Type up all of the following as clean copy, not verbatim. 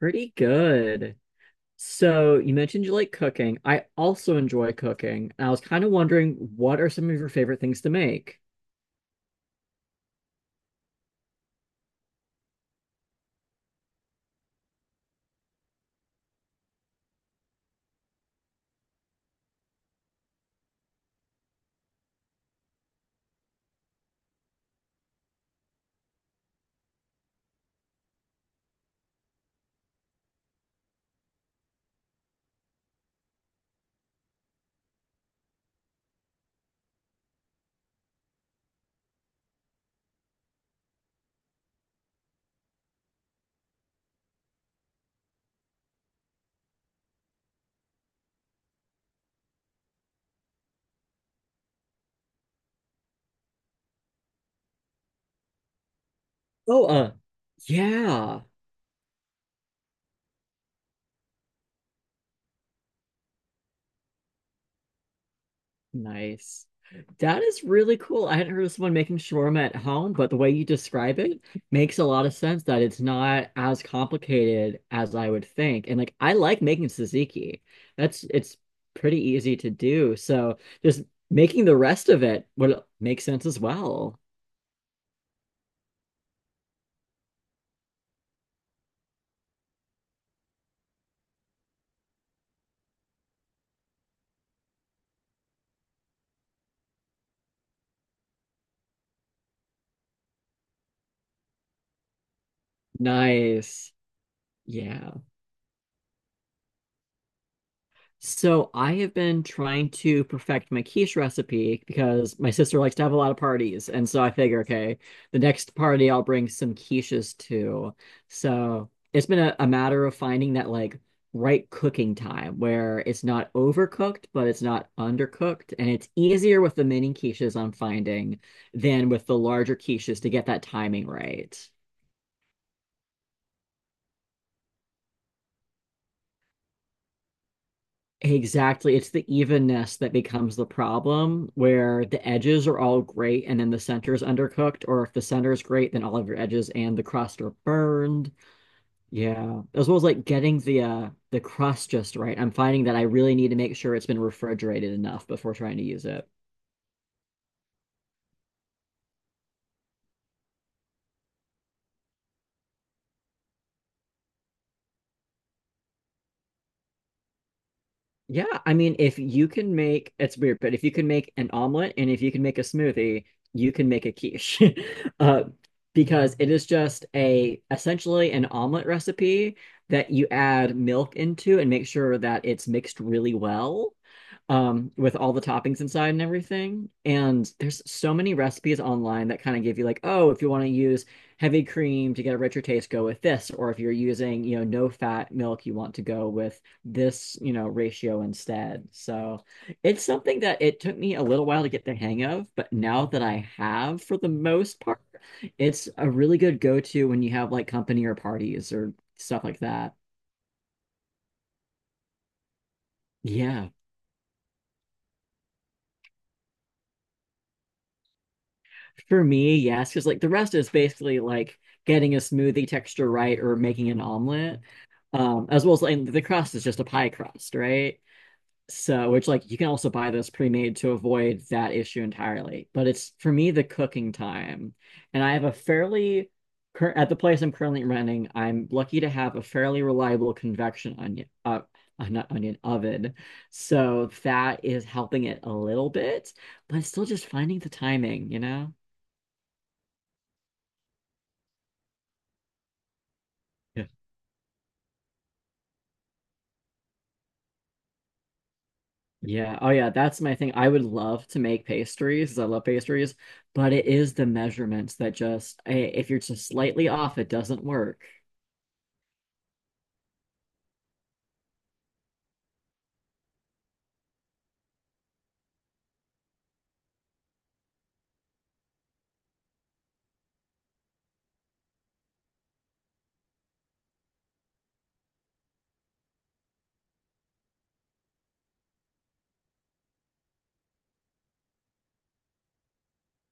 Pretty good. So you mentioned you like cooking. I also enjoy cooking. And I was kind of wondering what are some of your favorite things to make? Oh, yeah. Nice. That is really cool. I hadn't heard of someone making shawarma at home, but the way you describe it makes a lot of sense that it's not as complicated as I would think. And like I like making tzatziki. That's it's pretty easy to do. So just making the rest of it would make sense as well. Nice. Yeah. So I have been trying to perfect my quiche recipe because my sister likes to have a lot of parties. And so I figure, okay, the next party I'll bring some quiches to. So it's been a matter of finding that like right cooking time where it's not overcooked, but it's not undercooked. And it's easier with the mini quiches I'm finding than with the larger quiches to get that timing right. Exactly. It's the evenness that becomes the problem where the edges are all great and then the center is undercooked, or if the center is great, then all of your edges and the crust are burned. Yeah. As well as like getting the crust just right. I'm finding that I really need to make sure it's been refrigerated enough before trying to use it. Yeah, I mean, if you can make it's weird, but if you can make an omelet and if you can make a smoothie, you can make a quiche. Uh, because it is just a essentially an omelet recipe that you add milk into and make sure that it's mixed really well, with all the toppings inside and everything. And there's so many recipes online that kind of give you like, oh, if you want to use heavy cream to get a richer taste, go with this. Or if you're using, you know, no fat milk, you want to go with this, you know, ratio instead. So it's something that it took me a little while to get the hang of, but now that I have for the most part, it's a really good go-to when you have like company or parties or stuff like that. Yeah. For me, yes, because like the rest is basically like getting a smoothie texture right or making an omelet. As well as like the crust is just a pie crust, right? So, which like you can also buy those pre-made to avoid that issue entirely. But it's for me the cooking time. And I have a fairly cur at the place I'm currently renting, I'm lucky to have a fairly reliable convection onion not onion oven. So that is helping it a little bit, but it's still just finding the timing, you know? Yeah. Yeah. Oh yeah, that's my thing. I would love to make pastries 'cause I love pastries, but it is the measurements that if you're just slightly off, it doesn't work.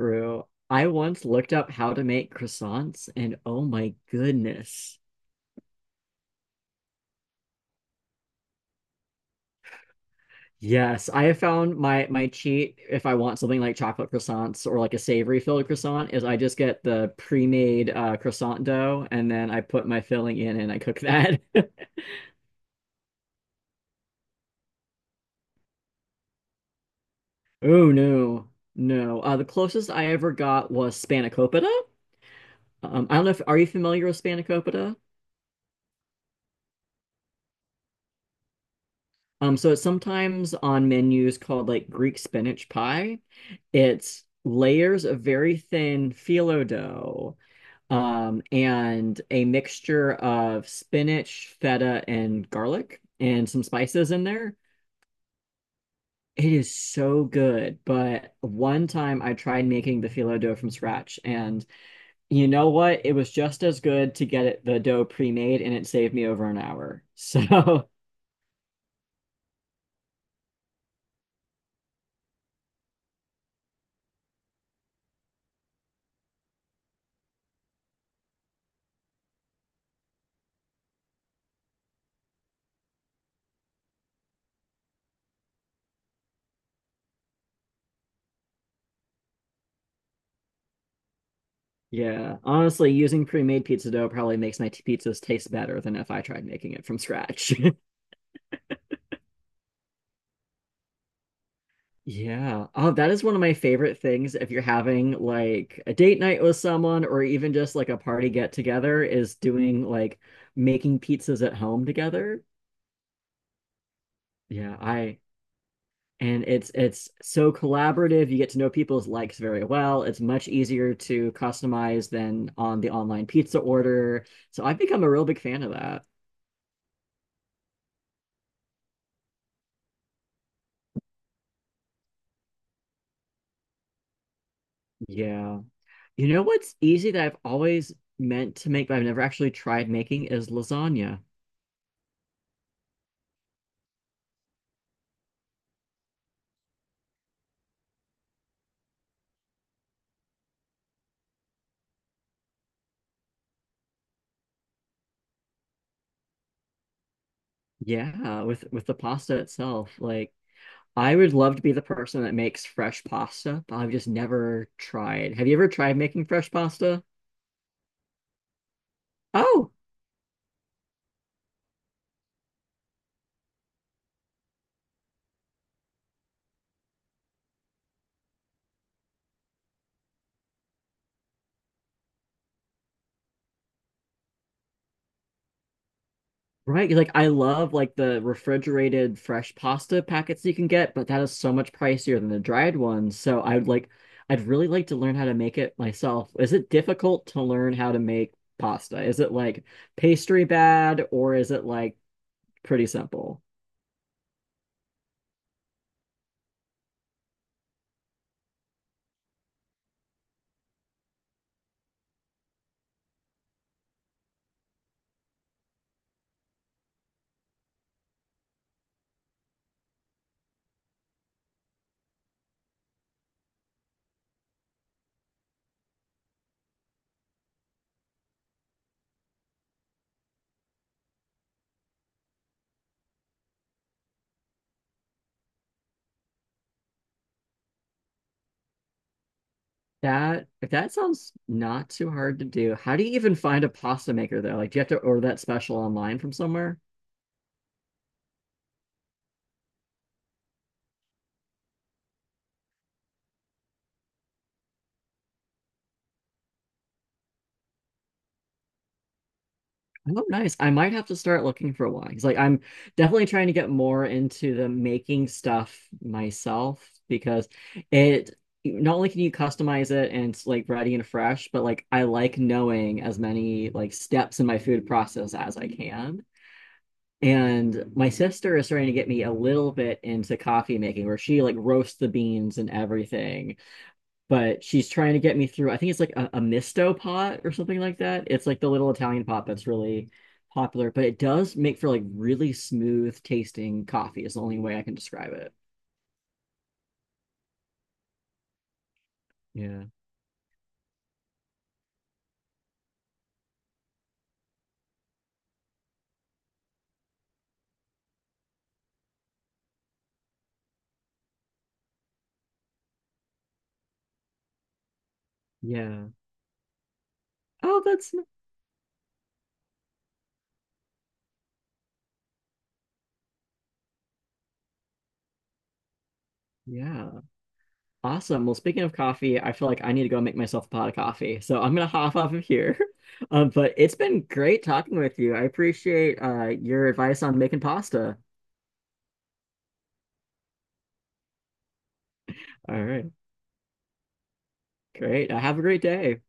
True. I once looked up how to make croissants, and oh my goodness. Yes, I have found my cheat if I want something like chocolate croissants or like a savory filled croissant is I just get the pre-made croissant dough and then I put my filling in and I cook that. Oh no, no. The closest I ever got was spanakopita. I don't know if are you familiar with spanakopita? So it's sometimes on menus called like Greek spinach pie. It's layers of very thin phyllo dough, and a mixture of spinach, feta, and garlic, and some spices in there. It is so good. But one time I tried making the phyllo dough from scratch, and you know what? It was just as good to get it, the dough pre-made, and it saved me over an hour. So Yeah, honestly, using pre-made pizza dough probably makes my pizzas taste better than if I tried making it from scratch. Yeah. Oh, that is one of my favorite things if you're having like a date night with someone or even just like a party get together is doing like making pizzas at home together. Yeah, I and it's so collaborative. You get to know people's likes very well. It's much easier to customize than on the online pizza order. So I've become a real big fan of that. Yeah. You know what's easy that I've always meant to make, but I've never actually tried making is lasagna. Yeah, with the pasta itself. Like I would love to be the person that makes fresh pasta, but I've just never tried. Have you ever tried making fresh pasta? Oh. Right, Like I love like the refrigerated fresh pasta packets you can get, but that is so much pricier than the dried ones. So I would like I'd really like to learn how to make it myself. Is it difficult to learn how to make pasta? Is it like pastry bad or is it like pretty simple? That if that sounds not too hard to do, how do you even find a pasta maker though? Like do you have to order that special online from somewhere? Oh, nice. I might have to start looking for one. 'Cause, like I'm definitely trying to get more into the making stuff myself because it not only can you customize it and it's like ready and fresh, but like I like knowing as many like steps in my food process as I can. And my sister is starting to get me a little bit into coffee making where she like roasts the beans and everything but she's trying to get me through. I think it's like a misto pot or something like that. It's like the little Italian pot that's really popular, but it does make for like really smooth tasting coffee is the only way I can describe it. Yeah. Yeah. Oh, that's yeah. Awesome. Well, speaking of coffee, I feel like I need to go make myself a pot of coffee. So I'm gonna hop off of here. But it's been great talking with you. I appreciate your advice on making pasta. All right. Great. Have a great day.